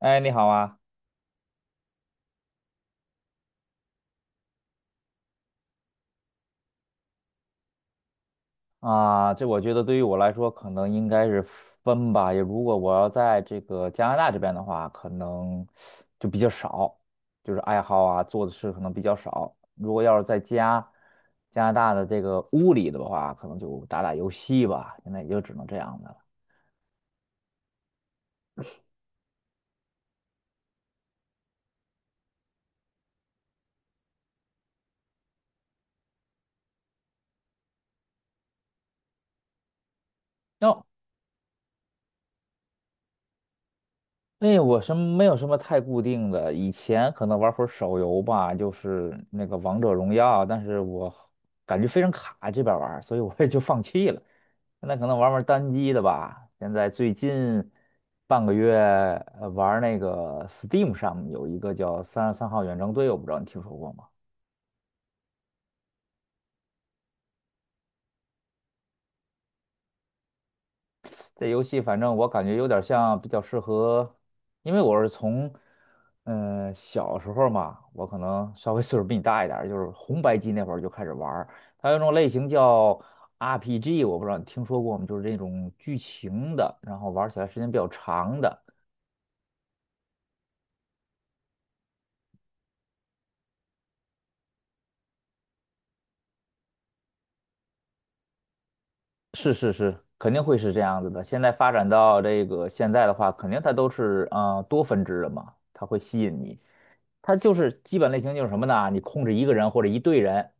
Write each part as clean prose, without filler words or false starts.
哎，你好啊！啊，这我觉得对于我来说，可能应该是分吧。也如果我要在这个加拿大这边的话，可能就比较少，就是爱好啊，做的事可能比较少。如果要是在家加拿大的这个屋里的话，可能就打打游戏吧。现在也就只能这样的了。那哎，我什么没有什么太固定的，以前可能玩会儿手游吧，就是那个王者荣耀，但是我感觉非常卡这边玩儿，所以我也就放弃了。现在可能玩玩单机的吧。现在最近半个月玩儿那个 Steam 上有一个叫《33号远征队》，我不知道你听说过吗？这游戏反正我感觉有点像比较适合，因为我是从，小时候嘛，我可能稍微岁数比你大一点儿，就是红白机那会儿就开始玩儿。它有一种类型叫 RPG，我不知道你听说过吗？就是这种剧情的，然后玩起来时间比较长的。是是是，肯定会是这样子的。现在发展到这个现在的话，肯定它都是多分支的嘛，它会吸引你。它就是基本类型就是什么呢？你控制一个人或者一队人，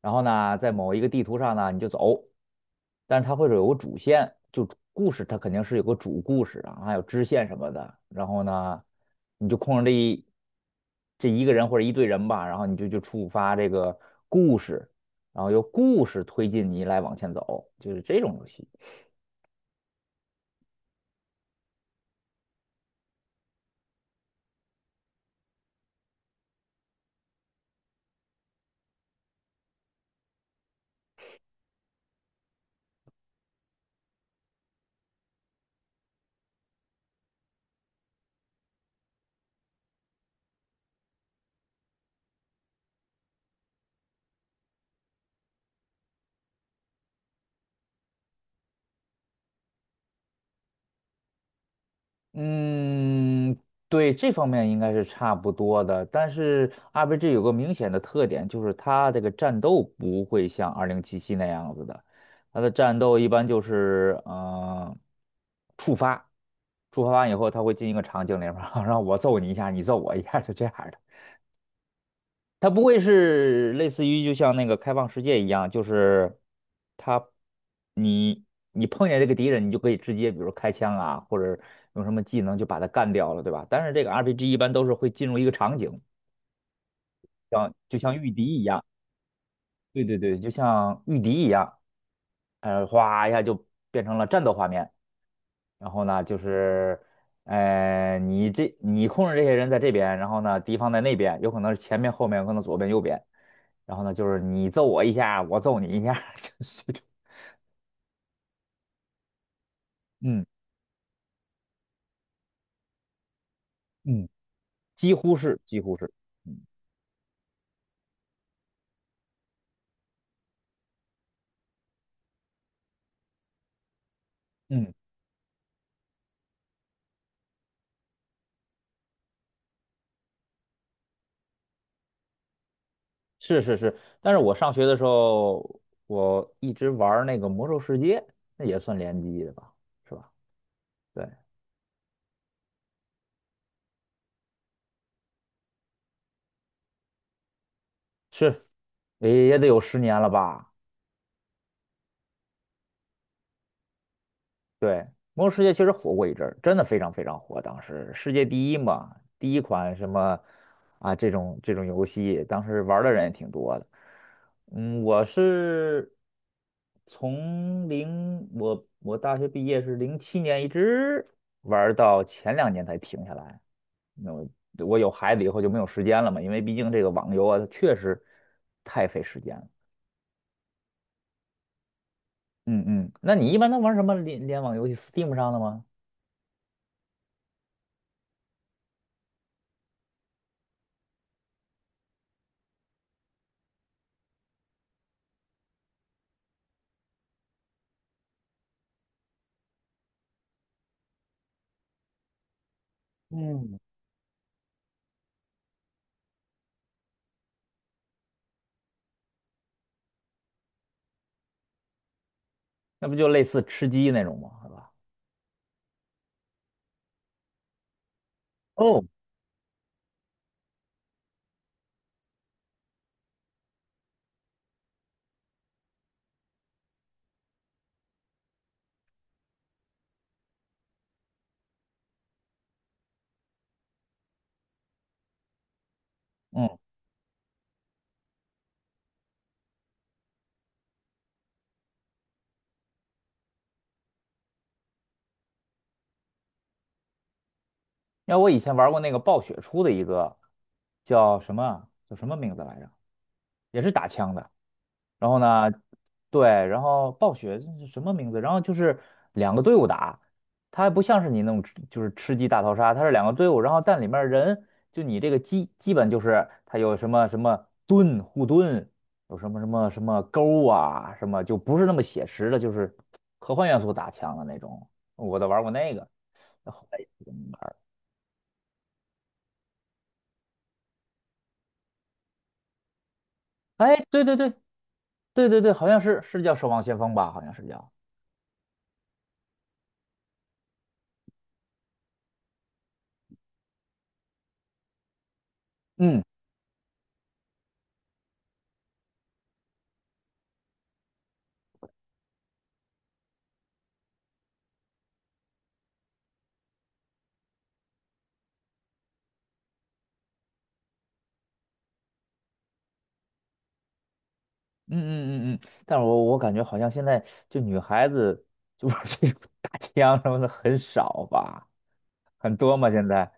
然后呢，在某一个地图上呢你就走，但是它会有个主线，就故事它肯定是有个主故事啊，还有支线什么的。然后呢，你就控制这一个人或者一队人吧，然后你就触发这个故事。然后由故事推进你来往前走，就是这种游戏。嗯，对，这方面应该是差不多的。但是 RPG 有个明显的特点，就是它这个战斗不会像2077》那样子的，它的战斗一般就是触发，触发完以后它会进一个场景里面，然后 我揍你一下，你揍我一下，就这样的。它不会是类似于就像那个开放世界一样，就是它你你碰见这个敌人，你就可以直接比如开枪啊，或者用什么技能就把他干掉了，对吧？但是这个 RPG 一般都是会进入一个场景，像就像御敌一样。对对对，就像御敌一样，哗一下就变成了战斗画面。然后呢，就是，你控制这些人在这边，然后呢，敌方在那边，有可能是前面、后面，有可能左边、右边。然后呢，就是你揍我一下，我揍你一下，就是这种。嗯嗯，几乎是，几乎是。嗯嗯，是是是。但是我上学的时候，我一直玩儿那个《魔兽世界》，那也算联机的吧，是吧？对。是，也也得有10年了吧？对，魔兽世界确实火过一阵儿，真的非常非常火。当时世界第一嘛，第一款什么啊这种这种游戏，当时玩儿的人也挺多的。嗯，我是从零我大学毕业是07年，一直玩儿到前两年才停下来。那我我有孩子以后就没有时间了嘛，因为毕竟这个网游啊，它确实太费时间了。嗯嗯，那你一般都玩什么联网游戏？Steam 上的吗？嗯，那不就类似吃鸡那种吗？是吧？哦，嗯，因为我以前玩过那个暴雪出的一个叫什么啊，叫什么名字来着，也是打枪的。然后呢，对，然后暴雪这是什么名字？然后就是两个队伍打，它还不像是你那种吃就是吃鸡大逃杀，它是两个队伍，然后但里面人就你这个基本就是它有什么什么盾护盾，有什么什么什么钩啊，什么就不是那么写实的，就是科幻元素打枪的那种。我都玩过那个，后来也不怎么玩儿。哎，对对对，对对对，好像是是叫《守望先锋》吧？好像是叫，嗯。嗯嗯嗯嗯，但是我感觉好像现在就女孩子就 玩这种打枪什么的很少吧，很多吗？现在。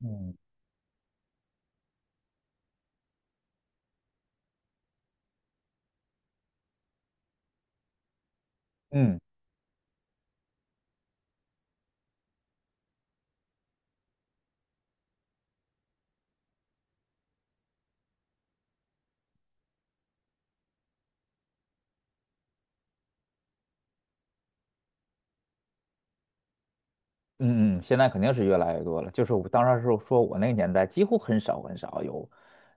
嗯，嗯嗯嗯，现在肯定是越来越多了。就是我当时是说我那个年代几乎很少很少有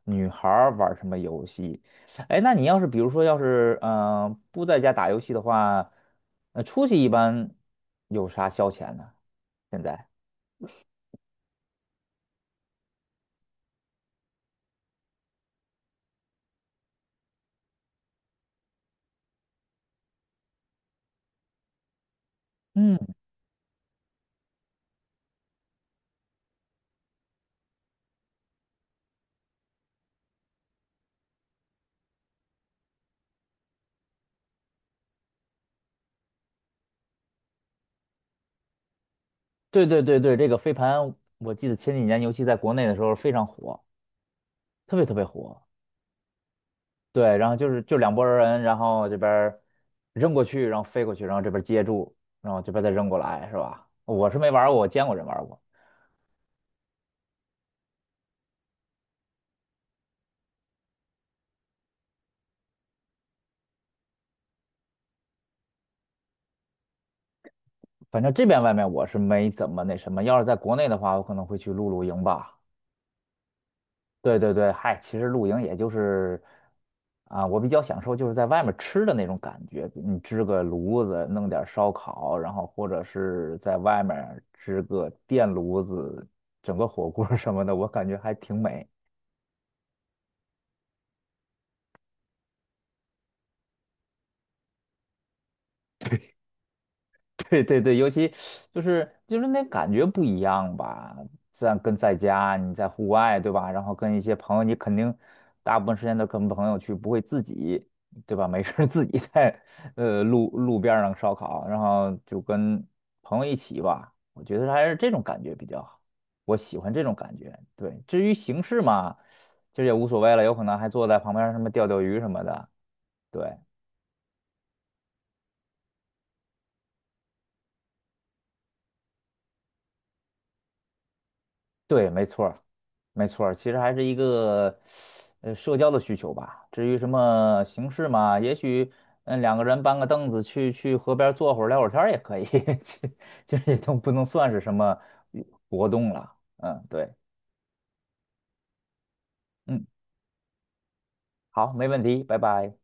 女孩儿玩什么游戏。哎，那你要是比如说要是不在家打游戏的话，出去一般有啥消遣呢？现在？嗯。对对对对，这个飞盘，我记得前几年，尤其在国内的时候非常火，特别特别火。对，然后就是就两拨儿人，然后这边儿扔过去，然后飞过去，然后这边儿接住，然后这边儿再扔过来，是吧？我是没玩儿过，我见过人玩儿过。反正这边外面我是没怎么那什么，要是在国内的话，我可能会去露营吧。对对对，嗨，其实露营也就是啊，我比较享受就是在外面吃的那种感觉，你支个炉子，弄点儿烧烤，然后或者是在外面支个电炉子，整个火锅儿什么的，我感觉还挺美。对对对，尤其就是就是那感觉不一样吧，在跟在家你在户外对吧？然后跟一些朋友，你肯定大部分时间都跟朋友去，不会自己对吧？没事儿自己在路边儿上烧烤，然后就跟朋友一起吧。我觉得还是这种感觉比较好，我喜欢这种感觉。对，至于形式嘛，其实也无所谓了，有可能还坐在旁边儿什么钓鱼什么的。对，对，没错儿，没错儿，其实还是一个社交的需求吧。至于什么形式嘛，也许嗯两个人搬个凳子去河边儿坐会儿聊会儿天儿也可以，其其实也都不能算是什么活动了。嗯，对，嗯，好，没问题，拜拜。